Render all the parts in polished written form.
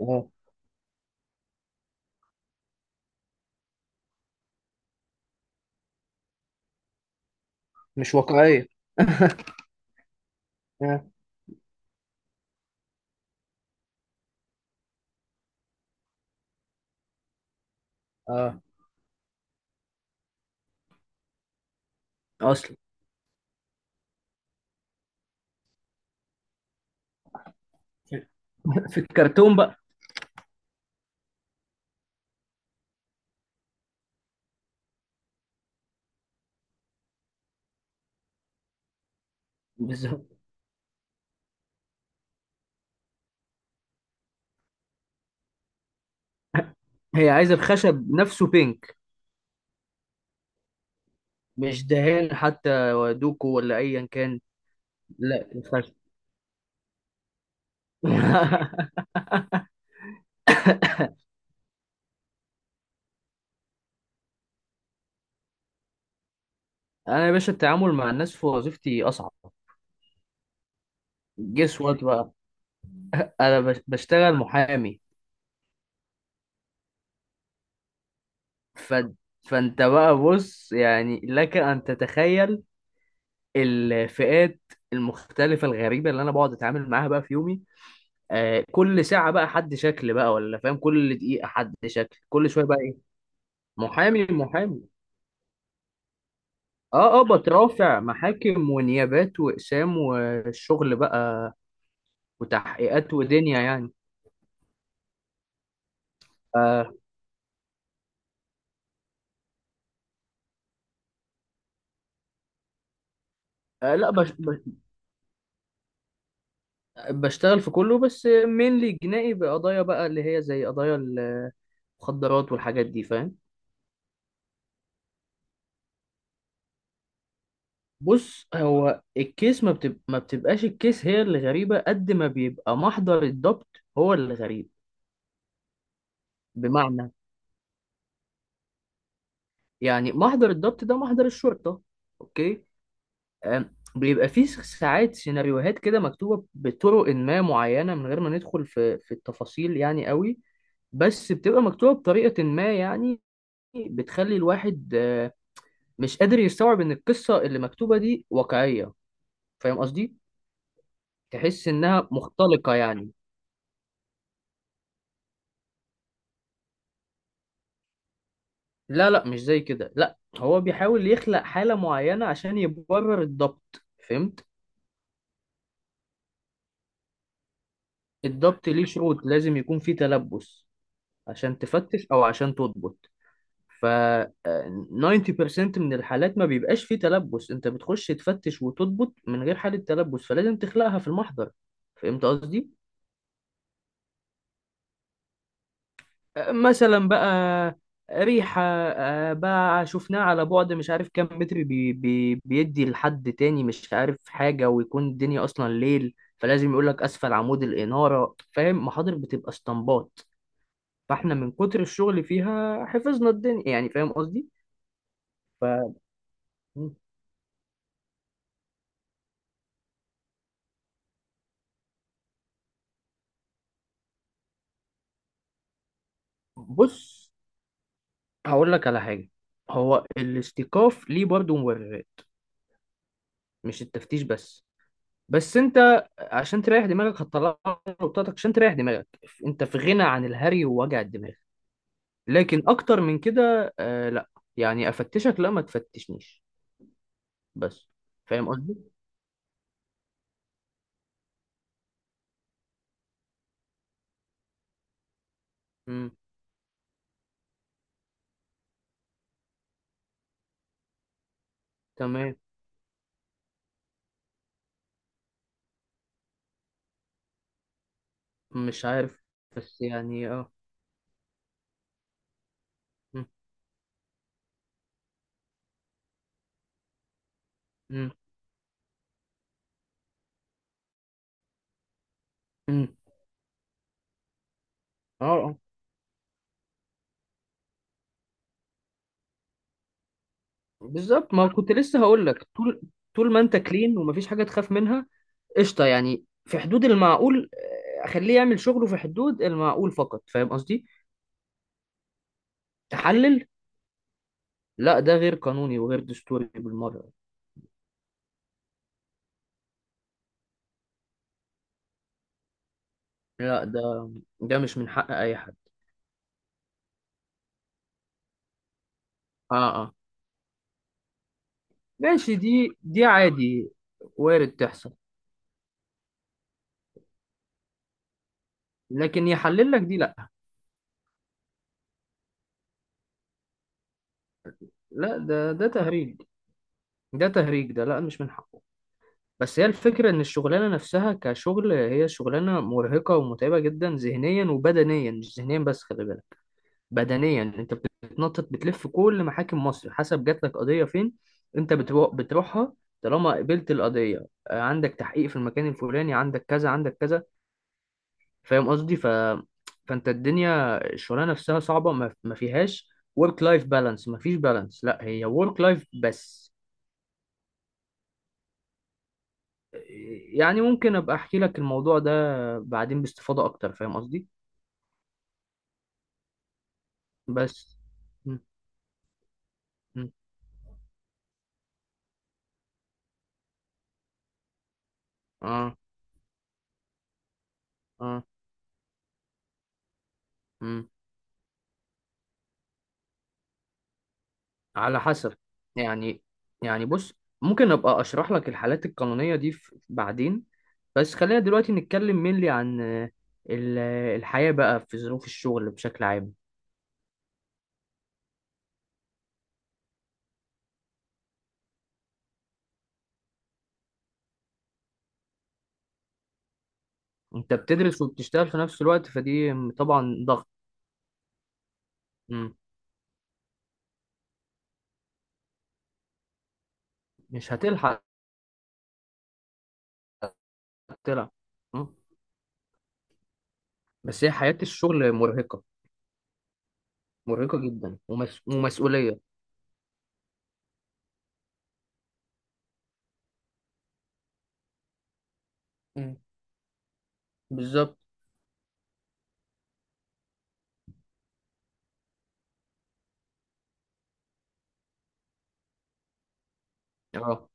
اه، مش واقعية. اه اه، اصلا. في الكرتون بقى. بالظبط. هي عايزه بخشب نفسه بينك، مش دهان حتى ودوكو ولا ايا كان. لا الخشب. انا يا باشا التعامل مع الناس في وظيفتي اصعب. جس وات بقى. انا بشتغل محامي. ف... فانت بقى بص، يعني لك ان تتخيل الفئات المختلفه الغريبه اللي انا بقعد اتعامل معاها بقى في يومي. آه، كل ساعة بقى حد شكل بقى، ولا فاهم، كل دقيقة حد شكل، كل شوية بقى ايه. محامي محامي. اه اه، بترافع محاكم ونيابات واقسام والشغل بقى، وتحقيقات ودنيا يعني. آه آه لا بش بش بشتغل في كله، بس مينلي جنائي بقضايا بقى اللي هي زي قضايا المخدرات والحاجات دي، فاهم. بص، هو الكيس ما بتبقاش الكيس هي اللي غريبة، قد ما بيبقى محضر الضبط هو اللي غريب. بمعنى، يعني محضر الضبط ده محضر الشرطة، اوكي. آم، بيبقى فيه ساعات سيناريوهات كده مكتوبة بطرق ما معينة، من غير ما ندخل في التفاصيل يعني قوي، بس بتبقى مكتوبة بطريقة ما يعني، بتخلي الواحد مش قادر يستوعب ان القصة اللي مكتوبة دي واقعية. فاهم قصدي؟ تحس انها مختلقة يعني. لا لا مش زي كده، لا هو بيحاول يخلق حالة معينة عشان يبرر الضبط، فهمت؟ الضبط ليه شروط، لازم يكون فيه تلبس عشان تفتش او عشان تضبط. ف آه، 90% من الحالات ما بيبقاش فيه تلبس، انت بتخش تفتش وتضبط من غير حالة تلبس، فلازم تخلقها في المحضر. فهمت قصدي. مثلا بقى، ريحة بقى شفناها على بعد مش عارف كام متر بي بي بيدي لحد تاني مش عارف حاجة، ويكون الدنيا أصلا ليل، فلازم يقولك أسفل عمود الإنارة. فاهم، محاضر بتبقى اسطمبات، فاحنا من كتر الشغل فيها حفظنا الدنيا يعني. فاهم قصدي؟ ف بص هقول لك على حاجة، هو الاستيقاف ليه برضه مبررات، مش التفتيش بس. بس انت عشان تريح دماغك هتطلع نقطتك، عشان تريح دماغك، انت في غنى عن الهري ووجع الدماغ. لكن اكتر من كده لا، يعني افتشك لا، ما تفتشنيش بس. فاهم قصدي؟ امم. تمام. مش عارف بس يعني اه. مم، مم، مم. اه آه. بالظبط، ما كنت لسه هقول لك، طول طول ما انت كلين ومفيش حاجة تخاف منها، قشطه، يعني في حدود المعقول، اخليه يعمل شغله في حدود المعقول فقط. فاهم قصدي. تحلل؟ لا ده غير قانوني وغير دستوري بالمره. لا ده ده مش من حق اي حد. اه اه، ماشي، دي دي عادي، وارد تحصل. لكن يحلل لك دي لا، لا ده ده تهريج. ده تهريج ده، لا مش من حقه. بس هي الفكرة إن الشغلانة نفسها كشغل هي شغلانة مرهقة ومتعبة جدا ذهنيا وبدنيا، مش ذهنيا بس، خلي بالك. بدنيا انت بتتنطط بتلف كل محاكم مصر، حسب جات لك قضيه فين انت بتروح بتروحها. طالما قبلت القضيه عندك تحقيق في المكان الفلاني، عندك كذا، عندك كذا. فاهم قصدي. فانت الدنيا الشغلانه نفسها صعبه، ما فيهاش ورك لايف بالانس، ما فيش بالانس، لا هي ورك لايف بس. يعني ممكن ابقى احكي لك الموضوع ده بعدين باستفاضه اكتر، فاهم قصدي. بس م- م- اه اه م. على حسب يعني يعني بص، ممكن ابقى اشرح لك الحالات القانونية دي بعدين، بس خلينا دلوقتي نتكلم mainly عن الحياة بقى في ظروف الشغل بشكل عام. انت بتدرس وبتشتغل في نفس الوقت، فدي طبعا ضغط. مم. مش هتلحق تلعب. مم. بس هي حياة الشغل مرهقة، مرهقة جدا ومسؤولية. مم. بالظبط. اه.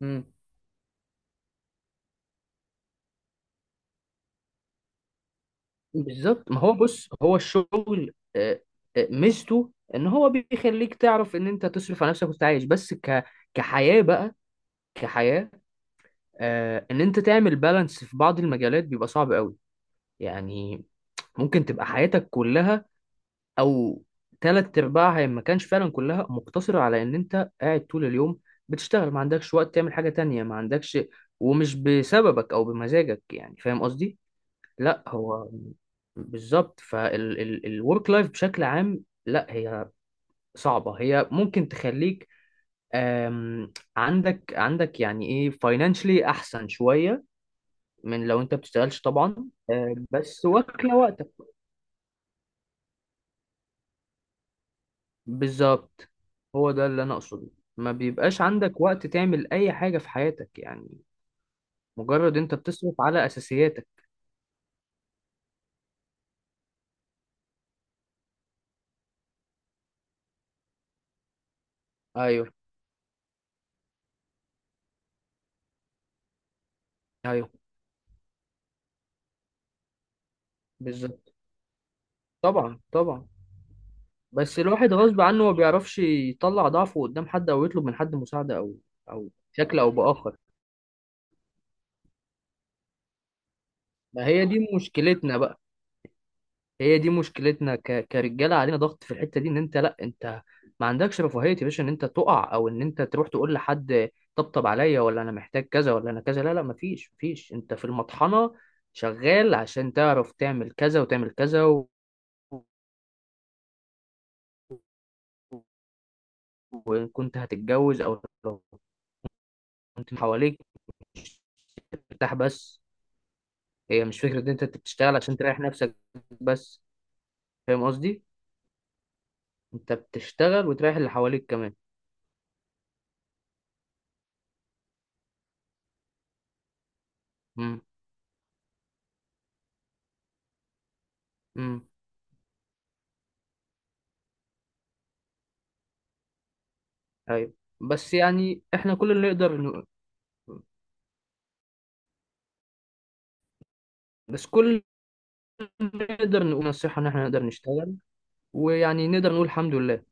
مم. بالظبط، ما هو بص هو الشغل ميزته ان هو بيخليك تعرف ان انت تصرف على نفسك وتعيش، بس كحياة بقى، كحياة، ان انت تعمل بالانس في بعض المجالات بيبقى صعب قوي. يعني ممكن تبقى حياتك كلها او تلات ارباعها، إن ما كانش فعلا كلها، مقتصرة على ان انت قاعد طول اليوم بتشتغل، ما عندكش وقت تعمل حاجة تانية، ما عندكش، ومش بسببك او بمزاجك يعني. فاهم قصدي. لا هو بالظبط، فالورك لايف بشكل عام لا هي صعبة، هي ممكن تخليك عندك عندك يعني ايه فاينانشلي احسن شوية من لو انت بتشتغلش طبعا، بس واكلة وقتك. بالظبط، هو ده اللي انا اقصده. ما بيبقاش عندك وقت تعمل اي حاجة في حياتك يعني، مجرد انت بتصرف على اساسياتك. ايوه. ايوه. بالظبط. طبعا طبعا. بس الواحد غصب عنه ما بيعرفش يطلع ضعفه قدام حد، او يطلب من حد مساعدة، او او بشكل او باخر. ما هي دي مشكلتنا بقى، هي دي مشكلتنا كرجالة، علينا ضغط في الحتة دي ان انت، لا انت ما عندكش رفاهية يا باشا ان انت تقع، او ان انت تروح تقول لحد طبطب عليا، ولا انا محتاج كذا، ولا انا كذا. لا لا، مفيش، مفيش. انت في المطحنة شغال عشان تعرف تعمل كذا وتعمل كذا و... وإن كنت هتتجوز، أو لو كنت حواليك مرتاح بس. هي مش فكرة ان إنت بتشتغل عشان تريح نفسك بس، فاهم قصدي، انت بتشتغل وتريح اللي حواليك كمان. امم امم ايوه، بس يعني احنا كل اللي نقدر نقول، بس كل اللي نقدر نقول نصيحة ان احنا نقدر نشتغل ويعني نقدر نقول الحمد لله.